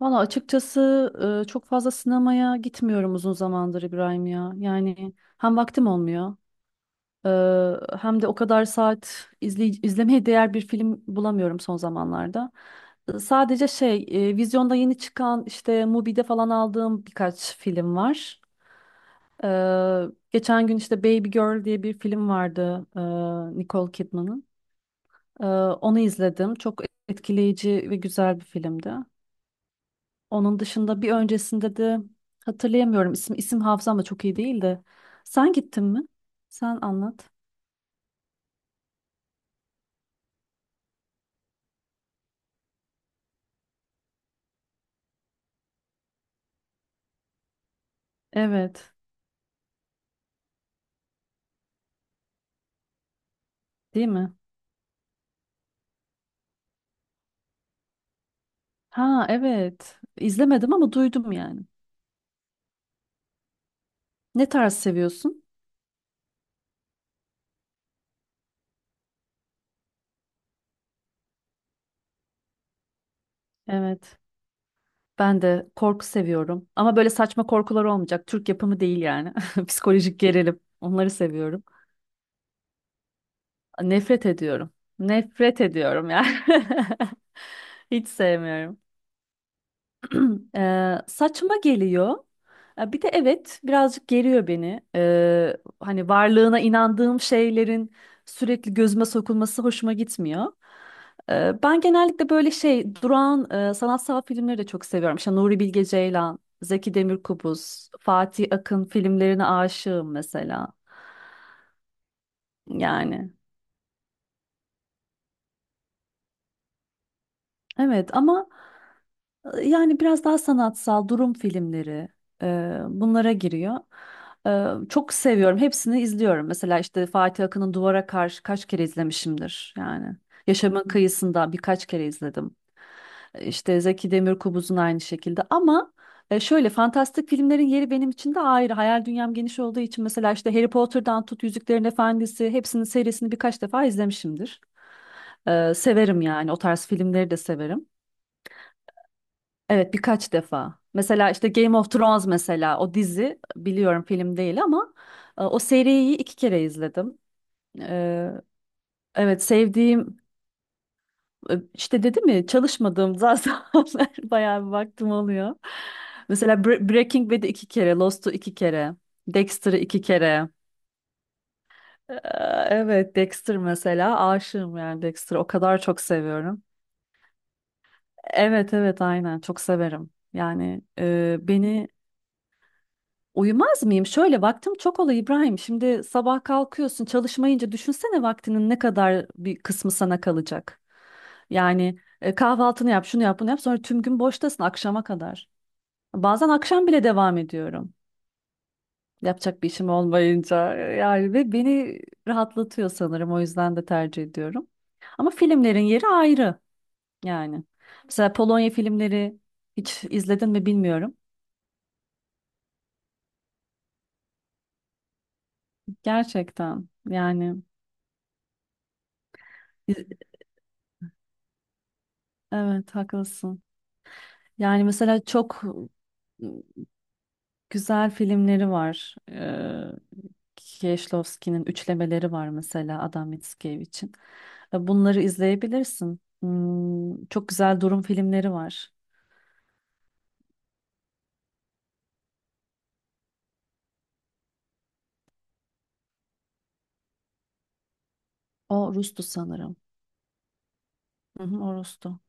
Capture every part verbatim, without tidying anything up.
Valla açıkçası e, çok fazla sinemaya gitmiyorum uzun zamandır İbrahim ya. Yani hem vaktim olmuyor, e, hem de o kadar saat izley- izlemeye değer bir film bulamıyorum son zamanlarda. E, Sadece şey e, vizyonda yeni çıkan işte Mubi'de falan aldığım birkaç film var. E, Geçen gün işte Baby Girl diye bir film vardı, e, Nicole Kidman'ın. E, Onu izledim. Çok etkileyici ve güzel bir filmdi. Onun dışında bir öncesinde de hatırlayamıyorum. İsim, isim hafızam da çok iyi değil de. Sen gittin mi? Sen anlat. Evet. Değil mi? Ha evet. İzlemedim ama duydum yani. Ne tarz seviyorsun? Evet. Ben de korku seviyorum. Ama böyle saçma korkular olmayacak. Türk yapımı değil yani. Psikolojik gerilim. Onları seviyorum. Nefret ediyorum. Nefret ediyorum yani. Hiç sevmiyorum. Eee, saçma geliyor. Ya bir de evet birazcık geriyor beni. Eee, hani varlığına inandığım şeylerin sürekli gözüme sokulması hoşuma gitmiyor. Eee, ben genellikle böyle şey durağan eee, sanatsal filmleri de çok seviyorum. İşte Nuri Bilge Ceylan, Zeki Demirkubuz, Fatih Akın filmlerine aşığım mesela. Yani evet ama. Yani biraz daha sanatsal durum filmleri e, bunlara giriyor. E, çok seviyorum. Hepsini izliyorum. Mesela işte Fatih Akın'ın Duvara Karşı kaç kere izlemişimdir yani. Yaşamın Kıyısında birkaç kere izledim. E, İşte Zeki Demirkubuz'un aynı şekilde ama e, şöyle fantastik filmlerin yeri benim için de ayrı. Hayal dünyam geniş olduğu için mesela işte Harry Potter'dan tut Yüzüklerin Efendisi hepsinin serisini birkaç defa izlemişimdir. E, severim yani, o tarz filmleri de severim. Evet, birkaç defa. Mesela işte Game of Thrones, mesela o dizi biliyorum film değil ama e, o seriyi iki kere izledim. E, evet Sevdiğim, e, işte dedim ya çalışmadığım zamanlar bayağı bir vaktim oluyor. Mesela Bre- Breaking Bad'i iki kere, Lost'u iki kere, Dexter'ı iki kere. E, evet, Dexter mesela, aşığım yani Dexter'ı o kadar çok seviyorum. Evet, evet, aynen, çok severim. Yani e, beni. Uyumaz mıyım? Şöyle, vaktim çok oluyor İbrahim. Şimdi sabah kalkıyorsun çalışmayınca, düşünsene vaktinin ne kadar bir kısmı sana kalacak. Yani e, kahvaltını yap, şunu yap, bunu yap. Sonra tüm gün boştasın akşama kadar. Bazen akşam bile devam ediyorum. Yapacak bir işim olmayınca. Yani ve beni rahatlatıyor sanırım. O yüzden de tercih ediyorum. Ama filmlerin yeri ayrı yani. Mesela Polonya filmleri hiç izledin mi bilmiyorum. Gerçekten yani. İz- Evet, haklısın. Yani mesela çok ıı, güzel filmleri var. Ee, Kieślowski'nin üçlemeleri var mesela, Adam Mickiewicz. Bunları izleyebilirsin. Hmm, çok güzel durum filmleri var. O Rus'tu sanırım. Hı hı, o Rus'tu.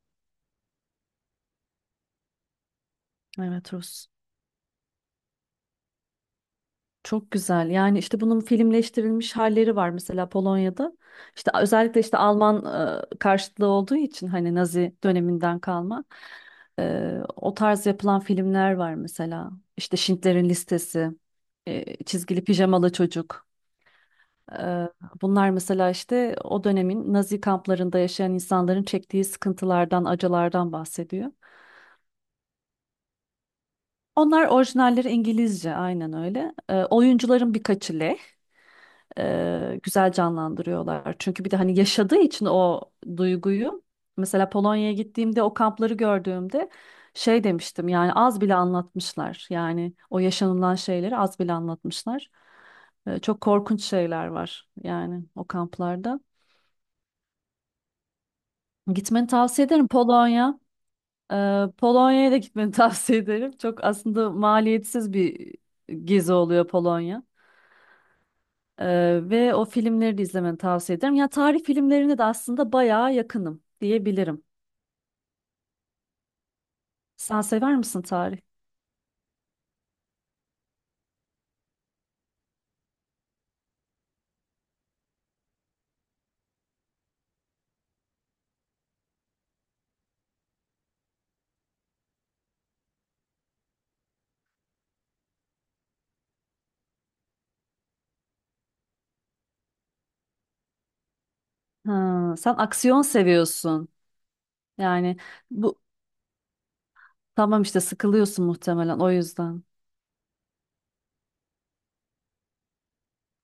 Evet, Rus. Çok güzel. Yani işte bunun filmleştirilmiş halleri var mesela Polonya'da. İşte özellikle işte Alman e, karşıtlığı olduğu için, hani Nazi döneminden kalma e, o tarz yapılan filmler var mesela. İşte Schindler'in Listesi, e, Çizgili Pijamalı Çocuk. E, Bunlar mesela işte o dönemin Nazi kamplarında yaşayan insanların çektiği sıkıntılardan, acılardan bahsediyor. Onlar orijinalleri İngilizce, aynen öyle. E, oyuncuların birkaçı leh. E, güzel canlandırıyorlar. Çünkü bir de hani yaşadığı için o duyguyu, mesela Polonya'ya gittiğimde o kampları gördüğümde şey demiştim, yani az bile anlatmışlar. Yani o yaşanılan şeyleri az bile anlatmışlar. E, çok korkunç şeyler var yani o kamplarda. Gitmeni tavsiye ederim Polonya. E, Polonya'ya da gitmeni tavsiye ederim. Çok aslında maliyetsiz bir gezi oluyor Polonya. Ee, ve o filmleri de izlemeni tavsiye ederim. Ya tarih filmlerine de aslında bayağı yakınım diyebilirim. Sen sever misin tarih? Ha, sen aksiyon seviyorsun. Yani bu, tamam işte sıkılıyorsun muhtemelen o yüzden.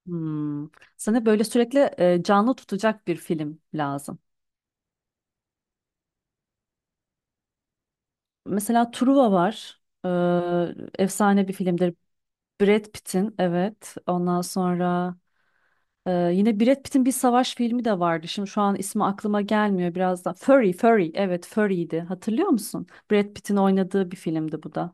Hmm. Sana böyle sürekli e, canlı tutacak bir film lazım. Mesela Truva var. Ee, efsane bir filmdir. Brad Pitt'in, evet. Ondan sonra Ee, yine Brad Pitt'in bir savaş filmi de vardı. Şimdi şu an ismi aklıma gelmiyor biraz da. Fury, Fury. Evet, Fury'ydi. Hatırlıyor musun? Brad Pitt'in oynadığı bir filmdi bu da.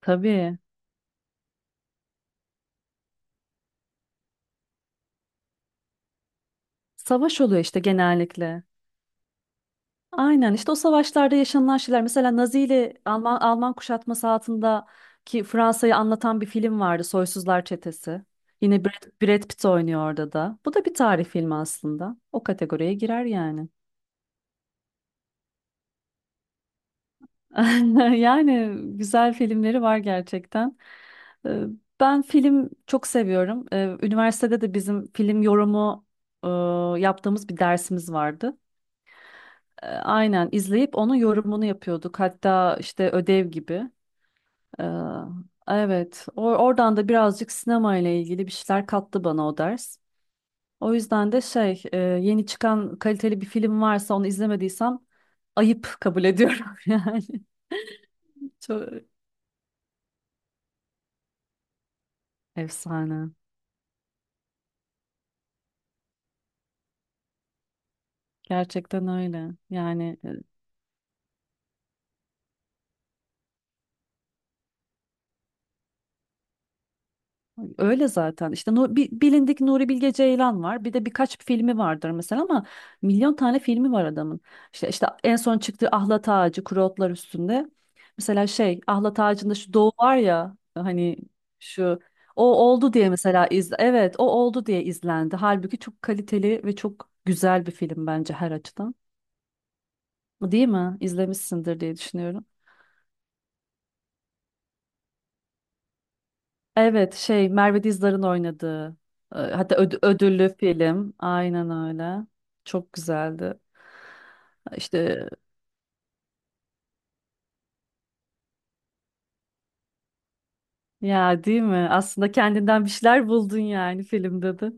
Tabii. Savaş oluyor işte genellikle. Aynen, işte o savaşlarda yaşanılan şeyler. Mesela Nazi ile Alman, Alman kuşatması altındaki Fransa'yı anlatan bir film vardı. Soysuzlar Çetesi. Yine Brad, Brad Pitt oynuyor orada da. Bu da bir tarih filmi aslında. O kategoriye girer yani. Yani güzel filmleri var gerçekten. Ee, Ben film çok seviyorum. Ee, Üniversitede de bizim film yorumu e, yaptığımız bir dersimiz vardı. Ee, Aynen izleyip onun yorumunu yapıyorduk. Hatta işte ödev gibi. Ee, Evet, or- oradan da birazcık sinema ile ilgili bir şeyler kattı bana o ders. O yüzden de şey, e, yeni çıkan kaliteli bir film varsa onu izlemediysem ayıp kabul ediyorum yani. Çok efsane. Gerçekten öyle. Yani e, öyle zaten. İşte Nu- bi- bilindik Nuri Bilge Ceylan var. Bir de birkaç filmi vardır mesela ama milyon tane filmi var adamın. İşte işte en son çıktığı Ahlat Ağacı, Kuru Otlar Üstünde. Mesela şey Ahlat Ağacı'nda şu Doğu var ya, hani şu, o oldu diye mesela iz, evet o oldu diye izlendi. Halbuki çok kaliteli ve çok güzel bir film bence her açıdan. Değil mi? İzlemişsindir diye düşünüyorum. Evet, şey Merve Dizdar'ın oynadığı, e, hatta öd- ödüllü film. Aynen öyle. Çok güzeldi. İşte ya, değil mi? Aslında kendinden bir şeyler buldun yani filmde de.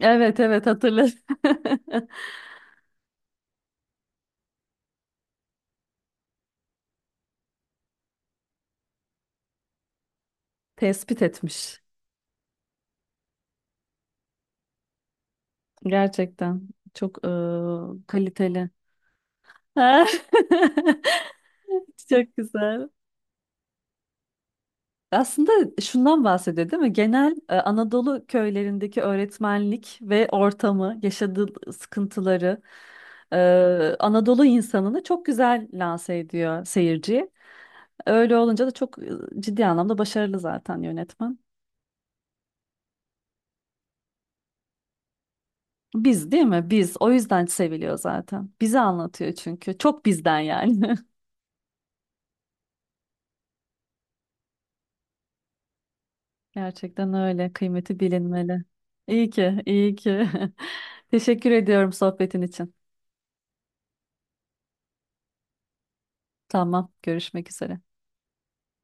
Evet, evet, hatırladım. Tespit etmiş. Gerçekten çok e, kaliteli. Çok güzel. Aslında şundan bahsediyor değil mi? Genel e, Anadolu köylerindeki öğretmenlik ve ortamı, yaşadığı sıkıntıları, e, Anadolu insanını çok güzel lanse ediyor seyirciye. Öyle olunca da çok e, ciddi anlamda başarılı zaten yönetmen. Biz, değil mi? Biz. O yüzden seviliyor zaten. Bizi anlatıyor çünkü. Çok bizden yani. Gerçekten öyle. Kıymeti bilinmeli. İyi ki, iyi ki. Teşekkür ediyorum sohbetin için. Tamam, görüşmek üzere.